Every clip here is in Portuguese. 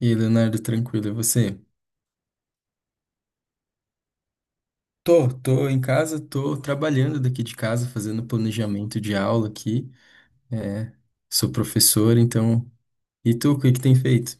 E aí, Leonardo, tranquilo, e você? Tô em casa, tô trabalhando daqui de casa, fazendo planejamento de aula aqui. É, sou professor, então. E tu, o que que tem feito?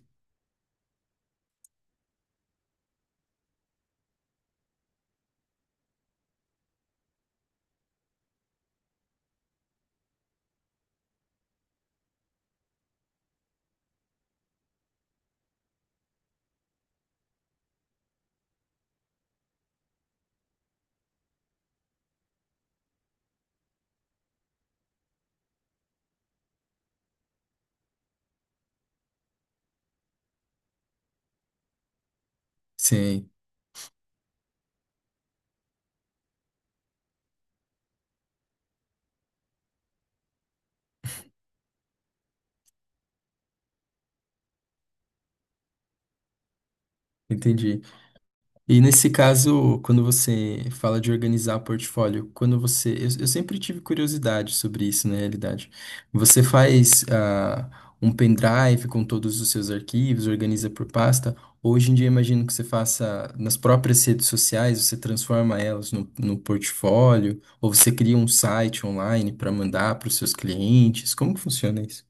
Sim, entendi. E nesse caso, quando você fala de organizar portfólio, quando você. Eu sempre tive curiosidade sobre isso, na realidade. Você faz um pendrive com todos os seus arquivos, organiza por pasta. Hoje em dia, imagino que você faça nas próprias redes sociais, você transforma elas no portfólio, ou você cria um site online para mandar para os seus clientes. Como que funciona isso?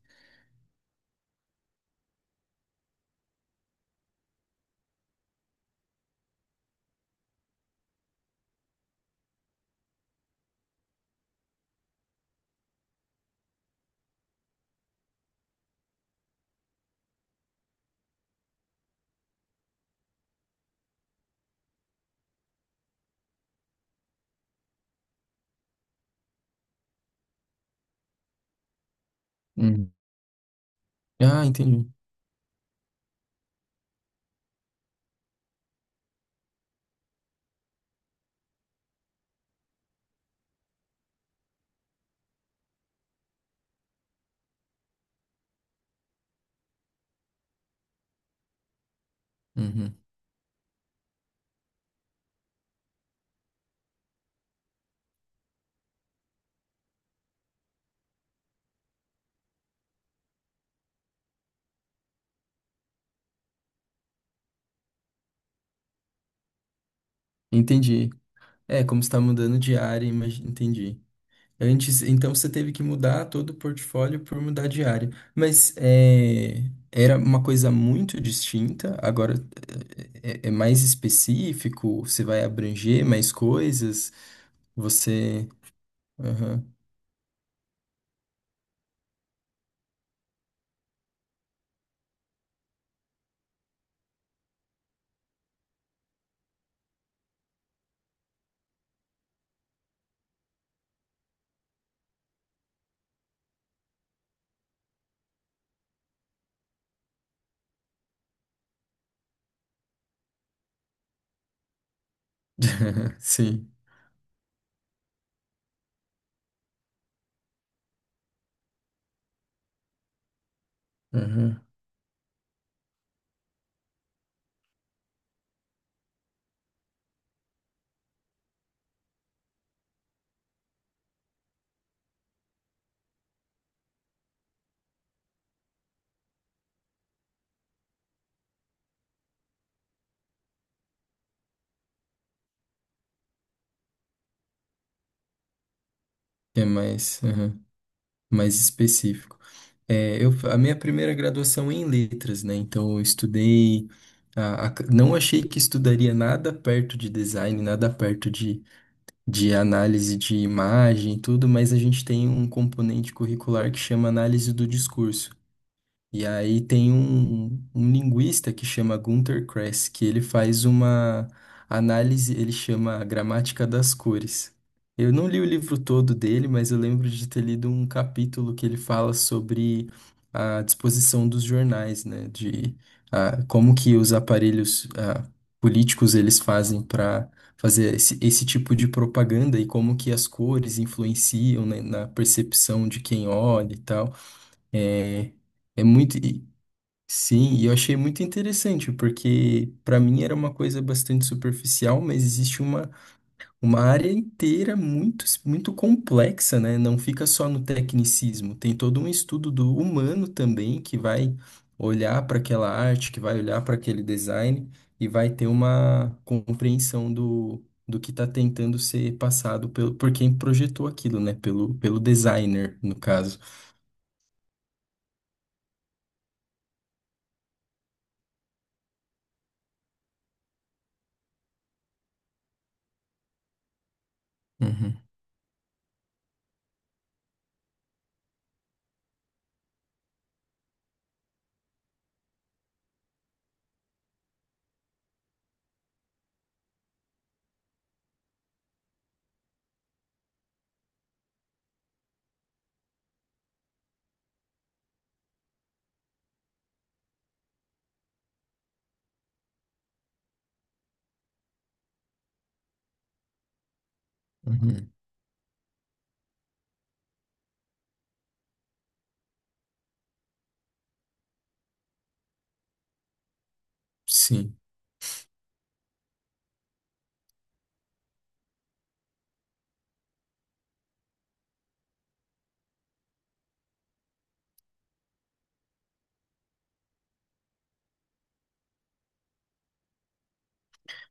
Uhum. Ah, entendi. Uhum. Entendi. É, como está mudando de área, entendi. Antes, então você teve que mudar todo o portfólio por mudar de área. Mas é, era uma coisa muito distinta, agora é mais específico, você vai abranger mais coisas, você. Aham. Sim. Aham. É mais, aham, mais específico. É, eu, a minha primeira graduação é em letras, né? Então eu estudei. Não achei que estudaria nada perto de design, nada perto de análise de imagem e tudo, mas a gente tem um componente curricular que chama análise do discurso. E aí tem um linguista que chama Gunter Kress, que ele faz uma análise, ele chama a Gramática das Cores. Eu não li o livro todo dele, mas eu lembro de ter lido um capítulo que ele fala sobre a disposição dos jornais, né? De como que os aparelhos políticos eles fazem para fazer esse tipo de propaganda e como que as cores influenciam, né, na percepção de quem olha e tal. É, é muito. Sim, e eu achei muito interessante, porque para mim era uma coisa bastante superficial, mas existe uma área inteira muito, muito complexa, né? Não fica só no tecnicismo, tem todo um estudo do humano também que vai olhar para aquela arte, que vai olhar para aquele design e vai ter uma compreensão do que está tentando ser passado pelo, por quem projetou aquilo, né? Pelo designer, no caso. Uhum, uhum. Sim.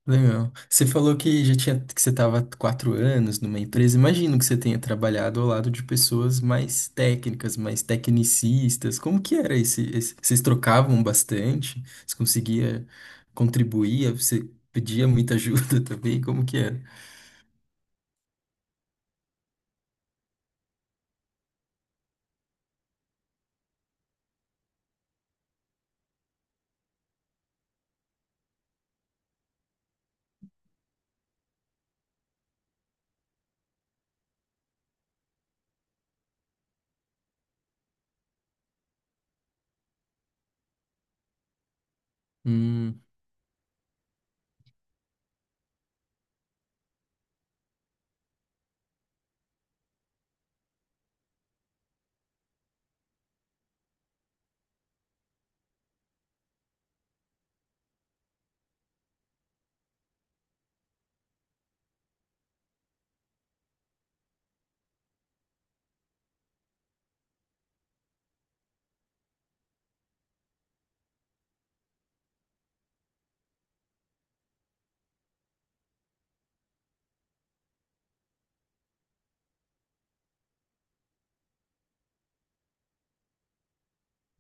Legal. Você falou que já tinha, que você estava 4 anos numa empresa. Imagino que você tenha trabalhado ao lado de pessoas mais técnicas, mais tecnicistas. Como que era Vocês trocavam bastante? Você conseguia contribuir? Você pedia muita ajuda também? Como que era?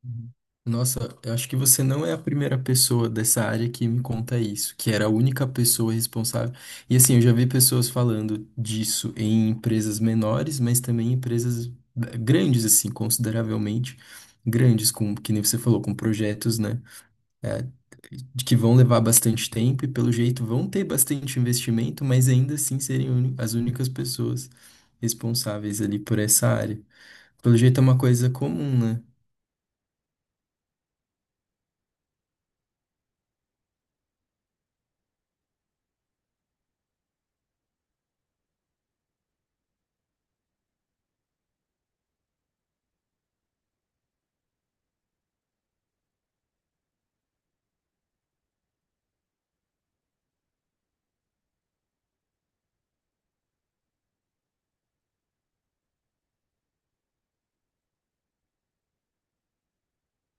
Uhum. Nossa, eu acho que você não é a primeira pessoa dessa área que me conta isso, que era a única pessoa responsável. E assim, eu já vi pessoas falando disso em empresas menores, mas também em empresas grandes, assim, consideravelmente grandes, com, que nem você falou, com projetos, né? eh, de que vão levar bastante tempo e, pelo jeito, vão ter bastante investimento, mas ainda assim serem as únicas pessoas responsáveis ali por essa área. Pelo jeito é uma coisa comum, né?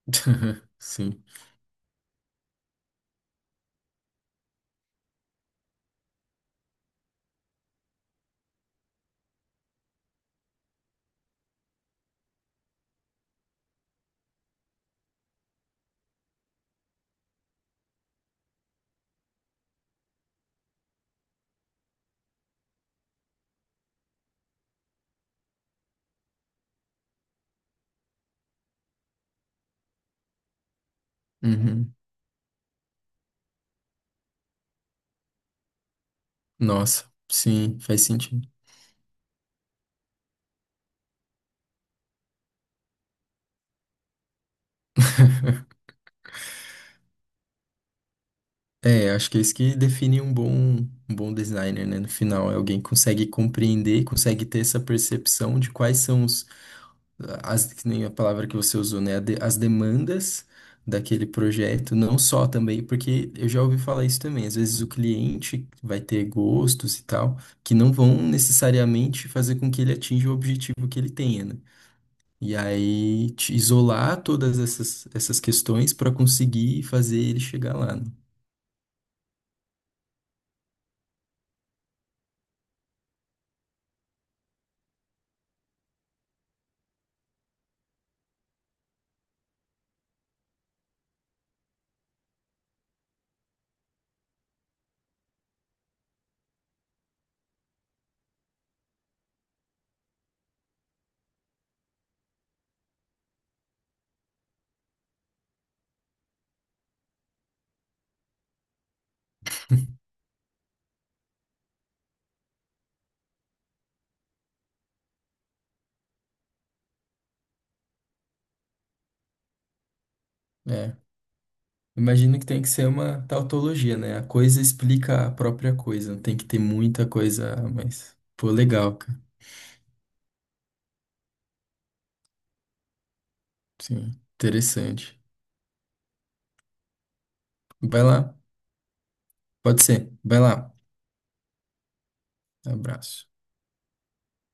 Sim. Uhum. Nossa, sim, faz sentido. É, acho que é isso que define um bom designer, né? No final, é alguém que consegue compreender, consegue ter essa percepção de quais são as, que nem a palavra que você usou, né? As demandas daquele projeto, não só também, porque eu já ouvi falar isso também. Às vezes o cliente vai ter gostos e tal, que não vão necessariamente fazer com que ele atinja o objetivo que ele tenha, né? E aí te isolar todas essas questões para conseguir fazer ele chegar lá, né? É. Imagino que tem que ser uma tautologia, né? A coisa explica a própria coisa. Tem que ter muita coisa a mais. Pô, legal, cara. Sim, interessante. Vai lá. Pode ser. Vai lá. Abraço.